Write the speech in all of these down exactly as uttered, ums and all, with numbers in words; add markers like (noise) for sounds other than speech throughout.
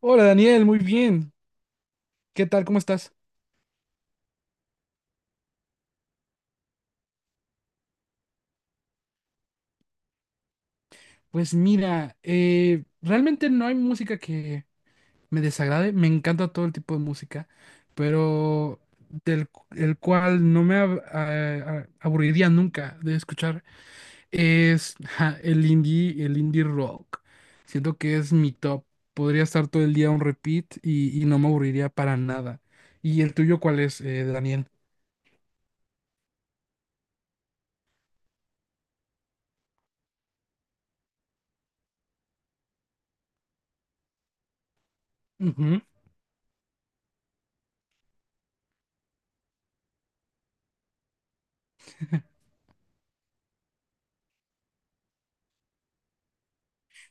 Hola Daniel, muy bien. ¿Qué tal? ¿Cómo estás? Pues mira, eh, realmente no hay música que me desagrade. Me encanta todo el tipo de música, pero del cu- el cual no me ab- a- a- aburriría nunca de escuchar es ja, el indie, el indie rock. Siento que es mi top. Podría estar todo el día on repeat y, y no me aburriría para nada. ¿Y el tuyo cuál es, eh, Daniel?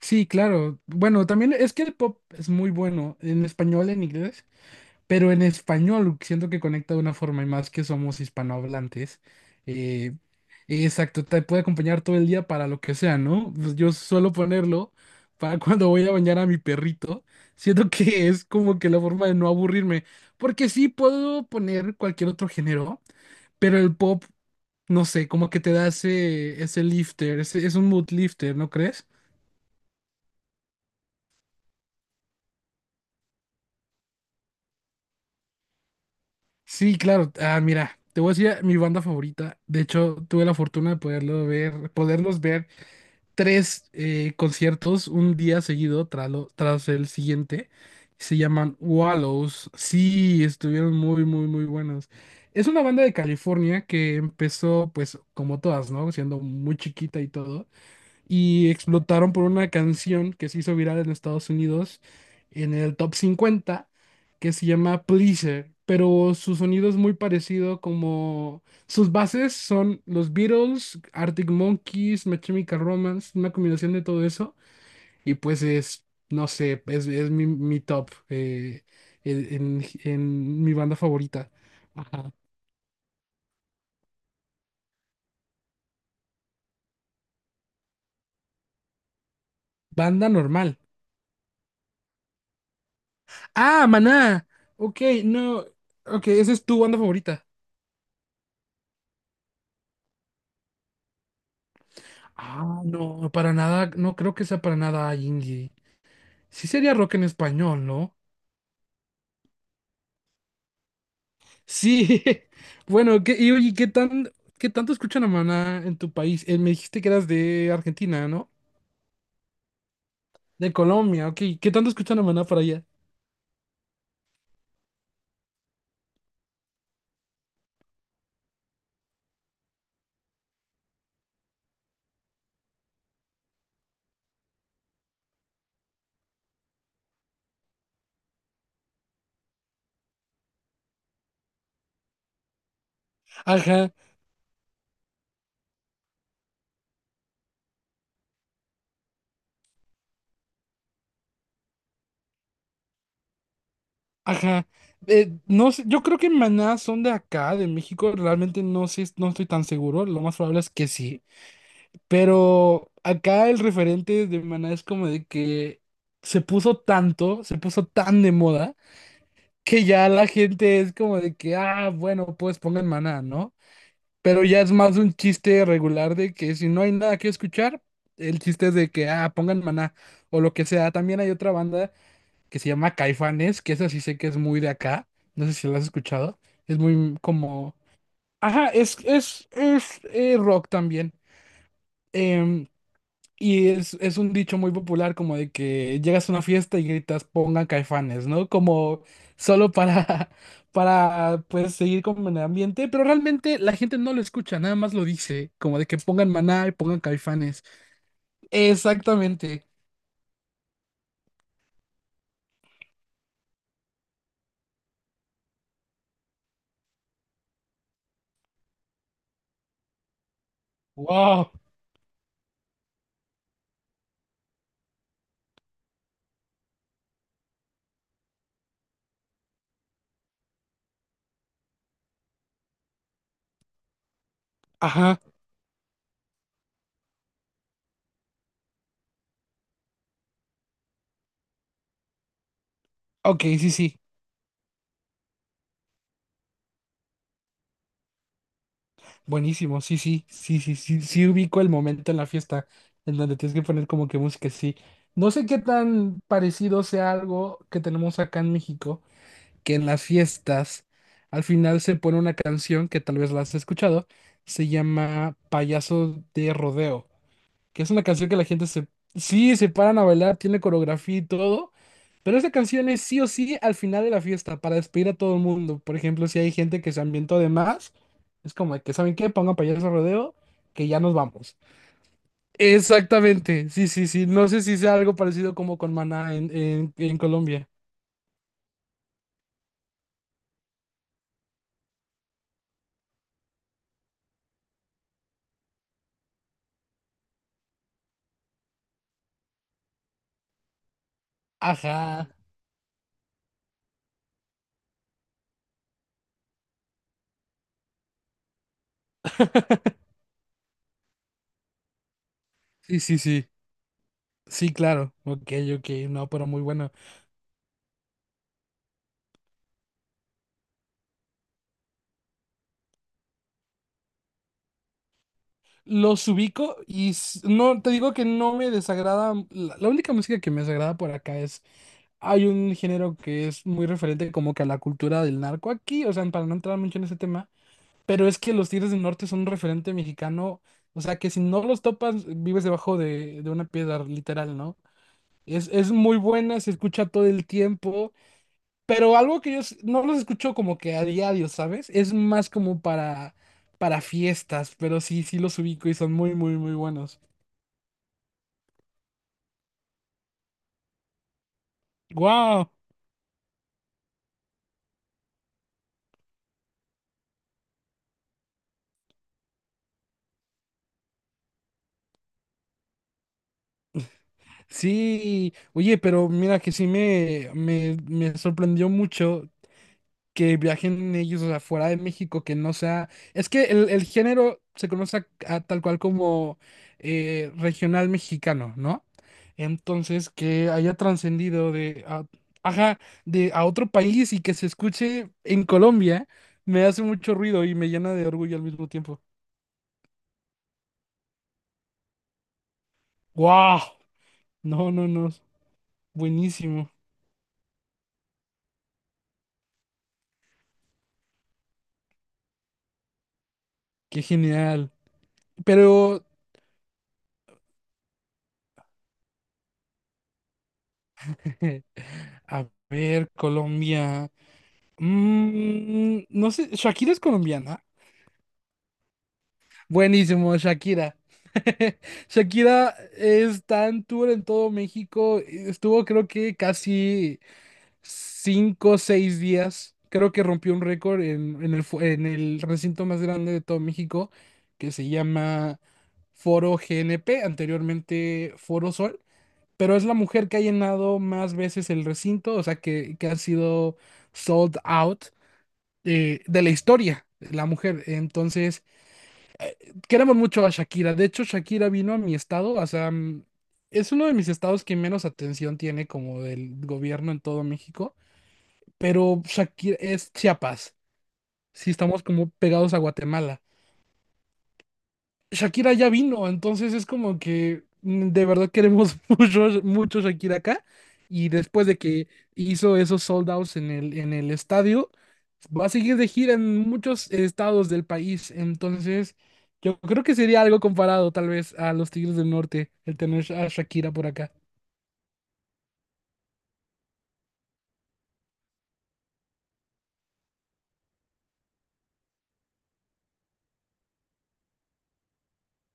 Sí, claro. Bueno, también es que el pop es muy bueno en español, en inglés, pero en español siento que conecta de una forma y más que somos hispanohablantes. eh, exacto, te puede acompañar todo el día para lo que sea, ¿no? Pues Yo suelo ponerlo para (laughs) cuando voy a bañar a mi perrito. Siento que es como que la forma de no aburrirme, porque sí puedo poner cualquier otro género, pero el pop, no sé, como que te da ese, ese lifter, ese- es un mood lifter, ¿no crees? Sí, claro. Ah, mira, te voy a decir ah, mi banda favorita. De hecho, tuve la fortuna de poderlo ver, poderlos ver tres eh, conciertos un día seguido tras, lo- tras el siguiente. Se llaman Wallows. Sí, estuvieron muy, muy, muy buenos. Es una banda de California que empezó, pues, como todas, ¿no? Siendo muy chiquita y todo, y explotaron por una canción que se hizo viral en Estados Unidos, en el top cincuenta, que se llama Pleaser. Pero su sonido es muy parecido, como sus bases son los Beatles, Arctic Monkeys, My Chemical Romance, una combinación de todo eso. Y pues es, no sé, es, es mi, mi top eh, en, en- en mi banda favorita. Ajá. Banda normal. Ah, Maná. Ok, no. Ok, esa es tu banda favorita. Ah, no, para nada, no creo que sea para nada indie. Sí sería rock en español, ¿no? Sí. (laughs) Bueno, ¿qué, y oye, ¿qué tan, ¿qué tanto escuchan a Maná en tu país? Eh, me dijiste que eras de Argentina, ¿no? De Colombia, ok. ¿Qué tanto escuchan a Maná para allá? Ajá, ajá. Eh, no sé, yo creo que Maná son de acá, de México. Realmente no sé, no estoy tan seguro. Lo más probable es que sí. Pero acá el referente de Maná es como de que se puso tanto, se puso tan de moda, que ya la gente es como de que, ah, bueno, pues pongan Maná, ¿no? Pero ya es más un chiste regular de que, si no hay nada que escuchar, el chiste es de que, ah, pongan Maná o lo que sea. También hay otra banda que se llama Caifanes, que esa sí sé que es muy de acá, no sé si la has escuchado, es muy como... Ajá, es, es, es eh, rock también. Em, Y es, es un dicho muy popular, como de que llegas a una fiesta y gritas pongan Caifanes, ¿no? Como solo para (laughs) para pues seguir con el ambiente, pero realmente la gente no lo escucha, nada más lo dice, como de que pongan Maná y pongan Caifanes. Exactamente. Wow. Ajá. Ok, sí, sí. Buenísimo, sí, sí, sí, sí, sí, sí ubico el momento en la fiesta en donde tienes que poner como que música, sí. No sé qué tan parecido sea, algo que tenemos acá en México que en las fiestas al final se pone una canción, que tal vez la has escuchado, se llama Payaso de Rodeo, que es una canción que la gente se, sí, se paran a bailar, tiene coreografía y todo, pero esa canción es sí o sí al final de la fiesta para despedir a todo el mundo. Por ejemplo, si hay gente que se ambientó de más, es como de que, ¿saben qué? Pongan Payaso de Rodeo, que ya nos vamos. Exactamente, sí, sí, sí. No sé si sea algo parecido como con Maná en, en en Colombia. Ajá. (laughs) Sí, sí, sí. Sí, claro. Ok, ok. No, pero muy bueno. Los ubico y s- no, te digo que no me desagrada. La, la única música que me desagrada por acá es. Hay un género que es muy referente como que a la cultura del narco aquí. O sea, para no entrar mucho en ese tema. Pero es que los Tigres del Norte son un referente mexicano. O sea, que si no los topas, vives debajo de, de una piedra, literal, ¿no? Es, es muy buena, se escucha todo el tiempo. Pero algo que yo s- no los escucho como que a diario, ¿sabes? Es más como para, para fiestas, pero sí, sí los ubico y son muy, muy, muy buenos. ¡Wow! Sí, oye, pero mira que sí me, me, me sorprendió mucho que viajen ellos, o sea, fuera de México, que no sea... Es que el, el género se conoce a- a tal cual como eh, regional mexicano, ¿no? Entonces, que haya trascendido de, a, ajá, de a otro país y que se escuche en Colombia, me hace mucho ruido y me llena de orgullo al mismo tiempo. ¡Wow! No, no, no. Buenísimo. Qué genial. Pero, (laughs) a ver, Colombia. Mm, no sé, Shakira es colombiana. Buenísimo, Shakira. (laughs) Shakira está en tour en todo México. Estuvo creo que casi cinco o seis días. Creo que rompió un récord en, en el, fu- en el recinto más grande de todo México, que se llama Foro G N P, anteriormente Foro Sol. Pero es la mujer que ha llenado más veces el recinto, o sea, que, que ha sido sold out eh, de la historia, la mujer. Entonces... Queremos mucho a Shakira. De hecho, Shakira vino a mi estado, o sea, mm, es uno de mis estados que menos atención tiene como del gobierno en todo México, pero Shakira es Chiapas. Sí, estamos como pegados a Guatemala. Shakira ya vino, entonces es como que mm, de verdad queremos (laughs) mucho, mucho Shakira acá. Y después de que hizo esos sold outs en el, en el estadio, va a seguir de gira en muchos estados del país. Entonces, yo creo que sería algo comparado tal vez a los Tigres del Norte, el tener a Shakira por acá.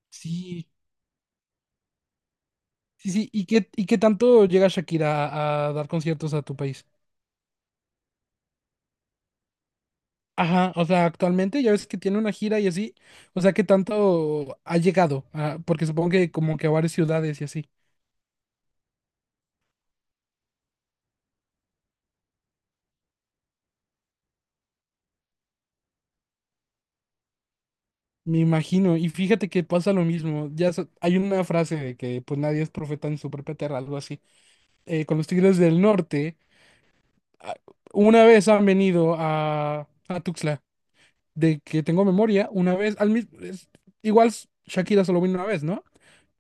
Sí, sí, sí. ¿Y qué, ¿y qué tanto llega Shakira a, a dar conciertos a tu país? Ajá, o sea, actualmente ya ves que tiene una gira y así, o sea, ¿qué tanto ha llegado? Ah, porque supongo que como que a varias ciudades y así, me imagino. Y fíjate que pasa lo mismo, ya sa- hay una frase de que pues nadie es profeta en su propia tierra, algo así. Eh, con los Tigres del Norte, ah, una vez han venido a, a Tuxtla de que tengo memoria, una vez, al mismo, igual s- Shakira solo vino una vez, ¿no?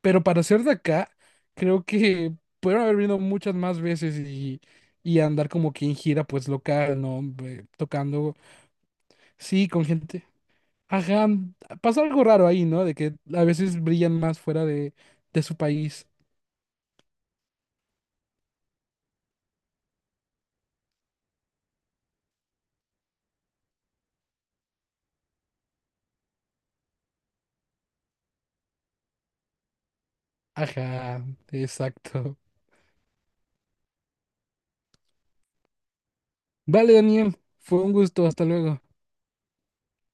Pero para ser de acá, creo que pudieron haber venido muchas más veces y, y andar como que en gira, pues local, ¿no? Ve- Tocando, sí, con gente. Ajá, pasa algo raro ahí, ¿no? De que a veces brillan más fuera de, de su país. Ajá, exacto. Vale, Daniel, fue un gusto, hasta luego.